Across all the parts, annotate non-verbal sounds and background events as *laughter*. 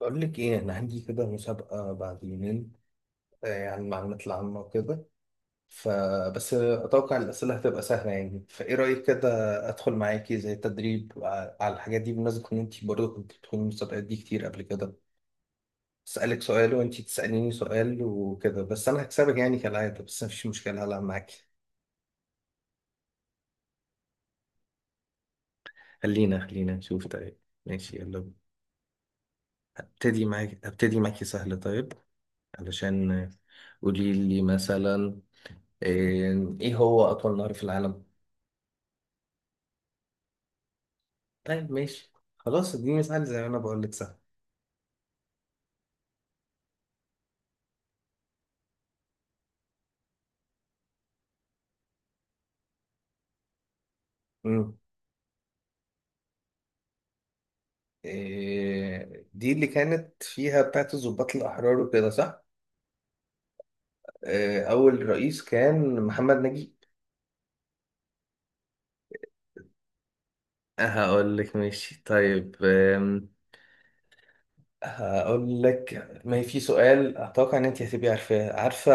بقول لك ايه انا عندي كده مسابقة بعد يومين. آه، يعني المعلومات العامة وكده. فبس اتوقع الاسئلة هتبقى سهلة يعني فايه رأيك كده؟ ادخل معاكي زي تدريب على الحاجات دي بمناسبة ان انت برضه كنت بتدخلي المسابقات دي كتير قبل كده. اسالك سؤال وانت تساليني سؤال وكده، بس انا هكسبك يعني كالعادة، بس مفيش مشكلة هلعب معاكي. خلينا نشوف طيب. ماشي يلا. هبتدي معاكي سهل طيب. علشان قولي لي مثلا إيه، هو أطول نهر في العالم؟ طيب ماشي. خلاص دي مثال زي ما أنا بقول لك سهل. مم. إيه دي اللي كانت فيها بتاعت الضباط الأحرار وكده صح؟ إيه، أول رئيس كان محمد نجيب. هقول لك ماشي طيب. هقول لك، ما هي في سؤال أتوقع إن أنت هتبقي عارفاه، عارفة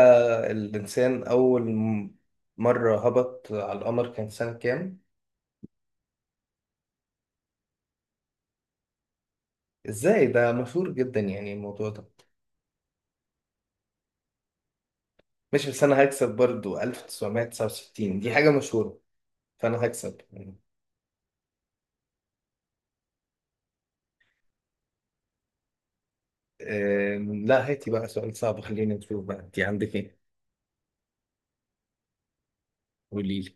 الإنسان أول مرة هبط على القمر كان سنة كام؟ إزاي ده مشهور جدا يعني الموضوع ده. ماشي بس انا هكسب برضو، 1969 دي حاجة مشهورة. فانا هكسب. لا هاتي بقى سؤال صعب خلينا نشوف بقى انت عندك ايه. قولي لي.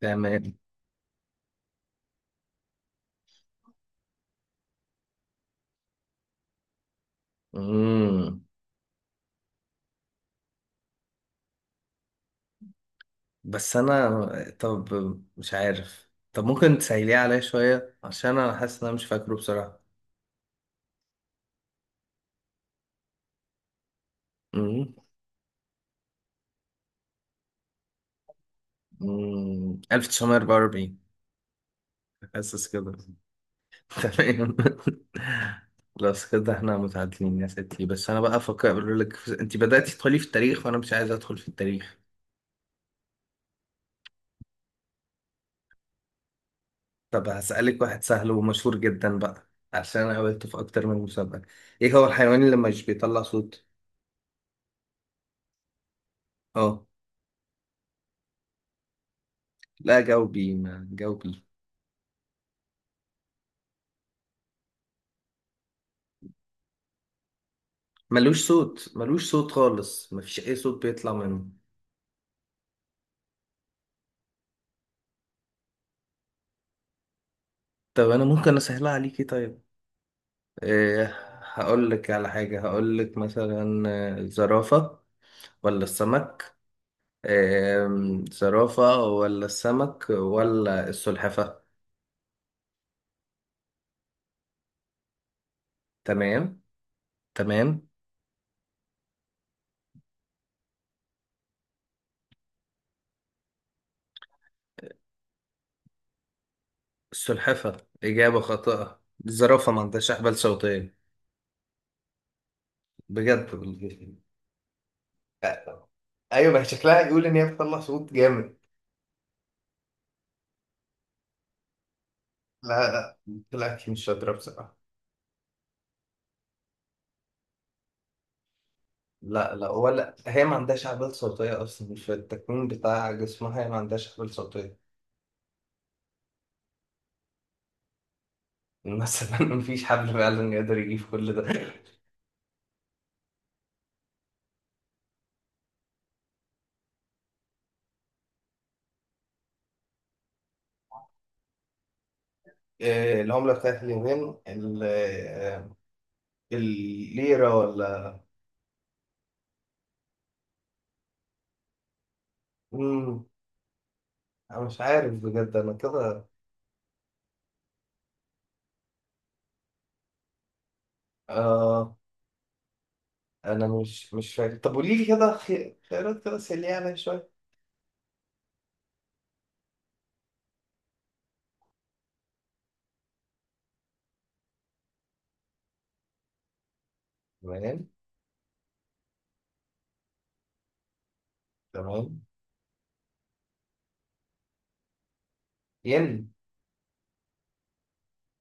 تمام. امم. بس انا. طب مش عارف، طب ممكن تسهليه عليا شوية عشان انا حاسس ان انا مش فاكره بصراحة. امم. 1944. حاسس كده. تمام. خلاص كده احنا متعادلين يا ستي، بس انا بقى افكر اقول لك، انت بدأتي تدخلي في التاريخ وانا مش عايز ادخل في التاريخ. طب هسألك واحد سهل ومشهور جدا بقى عشان انا قابلته في اكتر من مسابقة. ايه هو الحيوان اللي مش بيطلع صوت؟ اه. لا جاوبي، ما جاوبي. ملوش صوت، ملوش صوت خالص، مفيش اي صوت بيطلع منه. طب انا ممكن اسهلها عليكي طيب. إيه، هقول لك على حاجة، هقول لك مثلا الزرافة ولا السمك. زرافة ولا السمك ولا السلحفة. تمام. تمام. السلحفة إجابة خاطئة، الزرافة ما عندهاش أحبال صوتية. بجد والله. آه، أيوة ما هي شكلها يقول إن هي بتطلع صوت جامد. لا لا. طلعت مش شاطرة بصراحة. لا لا، ولا هي ما عندهاش أحبال صوتية أصلا، في التكوين بتاع جسمها هي ما عندهاش أحبال صوتية. مثلا *laughs* مفيش حبل فعلا يقدر يجيب كل ده. آه، العملة بتاعت اليابان الليرة ولا؟ مم. أنا مش عارف بجد، أنا كده آه. أنا مش فاكر، طب قولي لي كده خيارات كده سريعة عليا شوية. تمام. تمام. ين.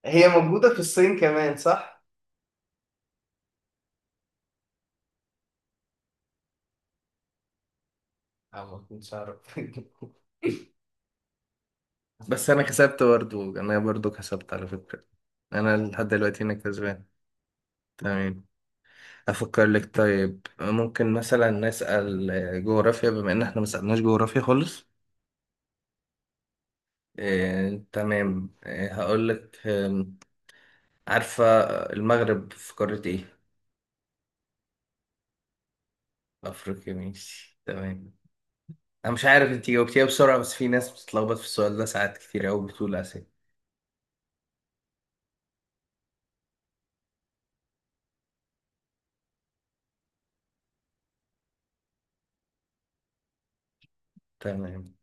هي موجودة في الصين كمان صح؟ أنا ما كنتش أعرف *laughs* بس انا كسبت برضو، انا برضو كسبت على فكرة. انا لحد دلوقتي انا كسبان. تمام. افكر لك طيب، ممكن مثلا نسأل آه، جغرافيا بما ان احنا ما سألناش جغرافيا خالص. آه، تمام آه، هقول لك، عارفة المغرب في قارة ايه؟ افريقيا ماشي تمام. انا مش عارف، انت جاوبتيها بسرعة، بس في ناس بتتلخبط في السؤال ده ساعات كتير قوي بتقول اسيا. تمام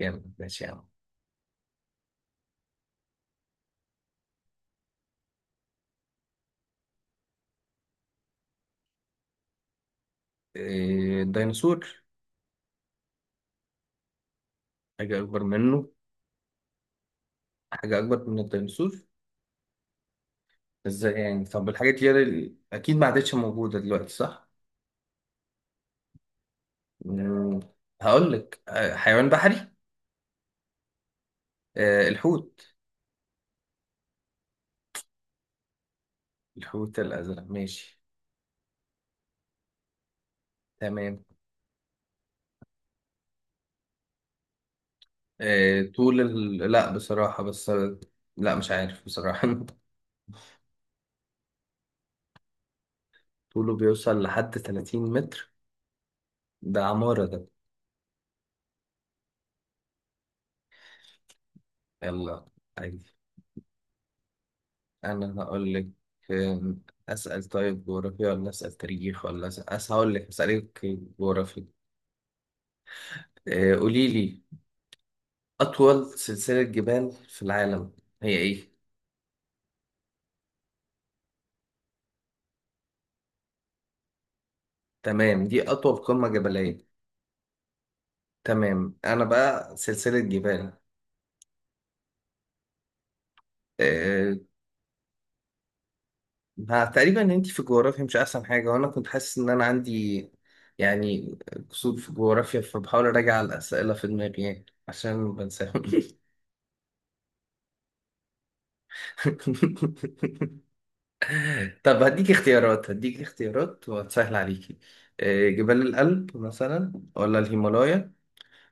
جامد، ماشي يا عم. إيه، الديناصور. حاجة اكبر منه. حاجة اكبر من الديناصور. ازاي يعني؟ طب الحاجات دي اللي اكيد ما عادتش موجودة دلوقتي صح؟ مم، هقول لك آه، حيوان بحري. آه، الحوت. الحوت الازرق ماشي. تمام. آه، طول ال... لا بصراحة بس. لا مش عارف بصراحة *laughs* طوله بيوصل لحد 30 متر؟ ده عمارة ده. يلا عادي. أنا هقول لك. آم، أسأل طيب جغرافيا، ولا أسأل تاريخ، ولا أسأل هقول لك أسألك جغرافيا. آه، قولي لي أطول سلسلة جبال في العالم هي إيه؟ تمام دي أطول قمة جبلية. تمام، أنا بقى سلسلة جبال. آه، ما تقريبا ان انت في الجغرافيا مش احسن حاجه، وانا كنت حاسس ان انا عندي يعني قصور في الجغرافيا، فبحاول اراجع الاسئله في دماغي يعني عشان بنساهم *laughs* طب هديك اختيارات، هديك اختيارات وهتسهل عليكي. آه، جبال الألب مثلا، ولا الهيمالايا،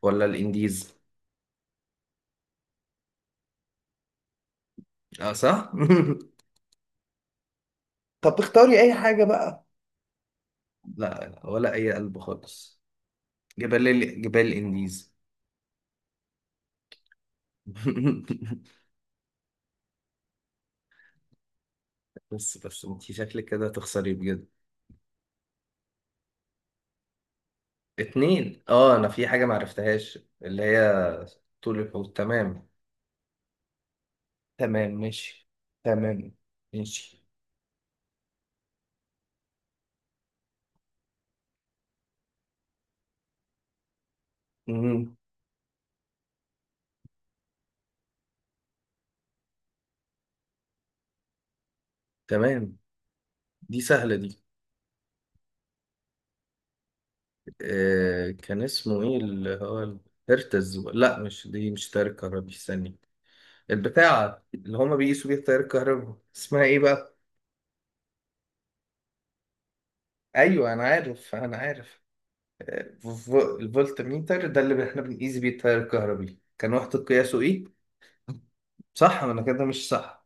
ولا الانديز. اه صح *laughs* طب اختاري اي حاجة بقى. لا، ولا اي قلب خالص. جبال ال... جبال الانديز. *laughs* بس انت شكلك كده هتخسري بجد. اتنين اه، انا في حاجة معرفتهاش اللي هي طول الحوض تمام. تمام ماشي. تمام ماشي. مم. تمام دي سهلة دي. آه، كان اسمه ايه اللي هو الهرتز؟ لا مش دي، مش تيار الكهربي، استني. البتاعة اللي هما بيقيسوا بيها تيار الكهرباء اسمها ايه بقى؟ ايوه انا عارف، انا عارف. آه، الفولت ميتر ده اللي احنا بنقيس بيه التيار الكهربي، كان وحدة قياسه ايه؟ صح ولا كده مش صح؟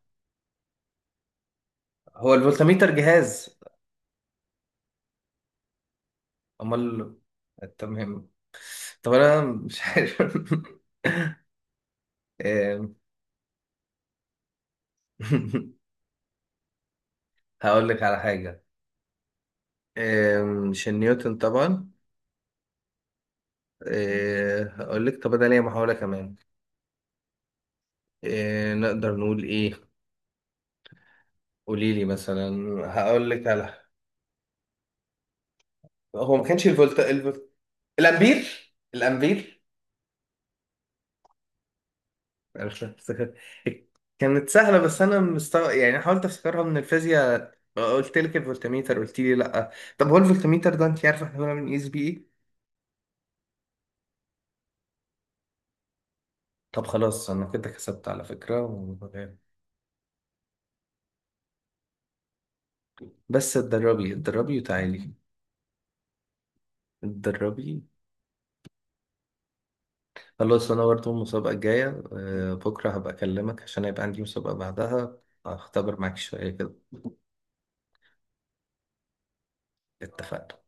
هو الفولتميتر جهاز. امال. تمام. طب انا مش عارف *laughs* آم، *laughs* هقول لك على حاجه. مش نيوتن طبعا. آه، هقول لك، طب انا ليا محاوله كمان. آه، نقدر نقول ايه؟ قولي لي مثلا. هقول لك على، هو ما كانش الفولت الامبير. الامبير. عرفت افتكر. كانت سهلة بس أنا مستوى يعني، حاولت أفتكرها من الفيزياء، قلت لك الفولتميتر قلت لي لأ. طب هو الفولتميتر ده أنت عارفة إحنا بنعمل من إس بي إيه؟ طب خلاص أنا كده كسبت على فكرة بس اتدربي، اتدربي وتعالي. اتدربي. خلاص أنا برضه المسابقة الجاية آه، بكرة هبقى أكلمك عشان هيبقى عندي مسابقة بعدها، هختبر معاك شوية كده. اتفقنا.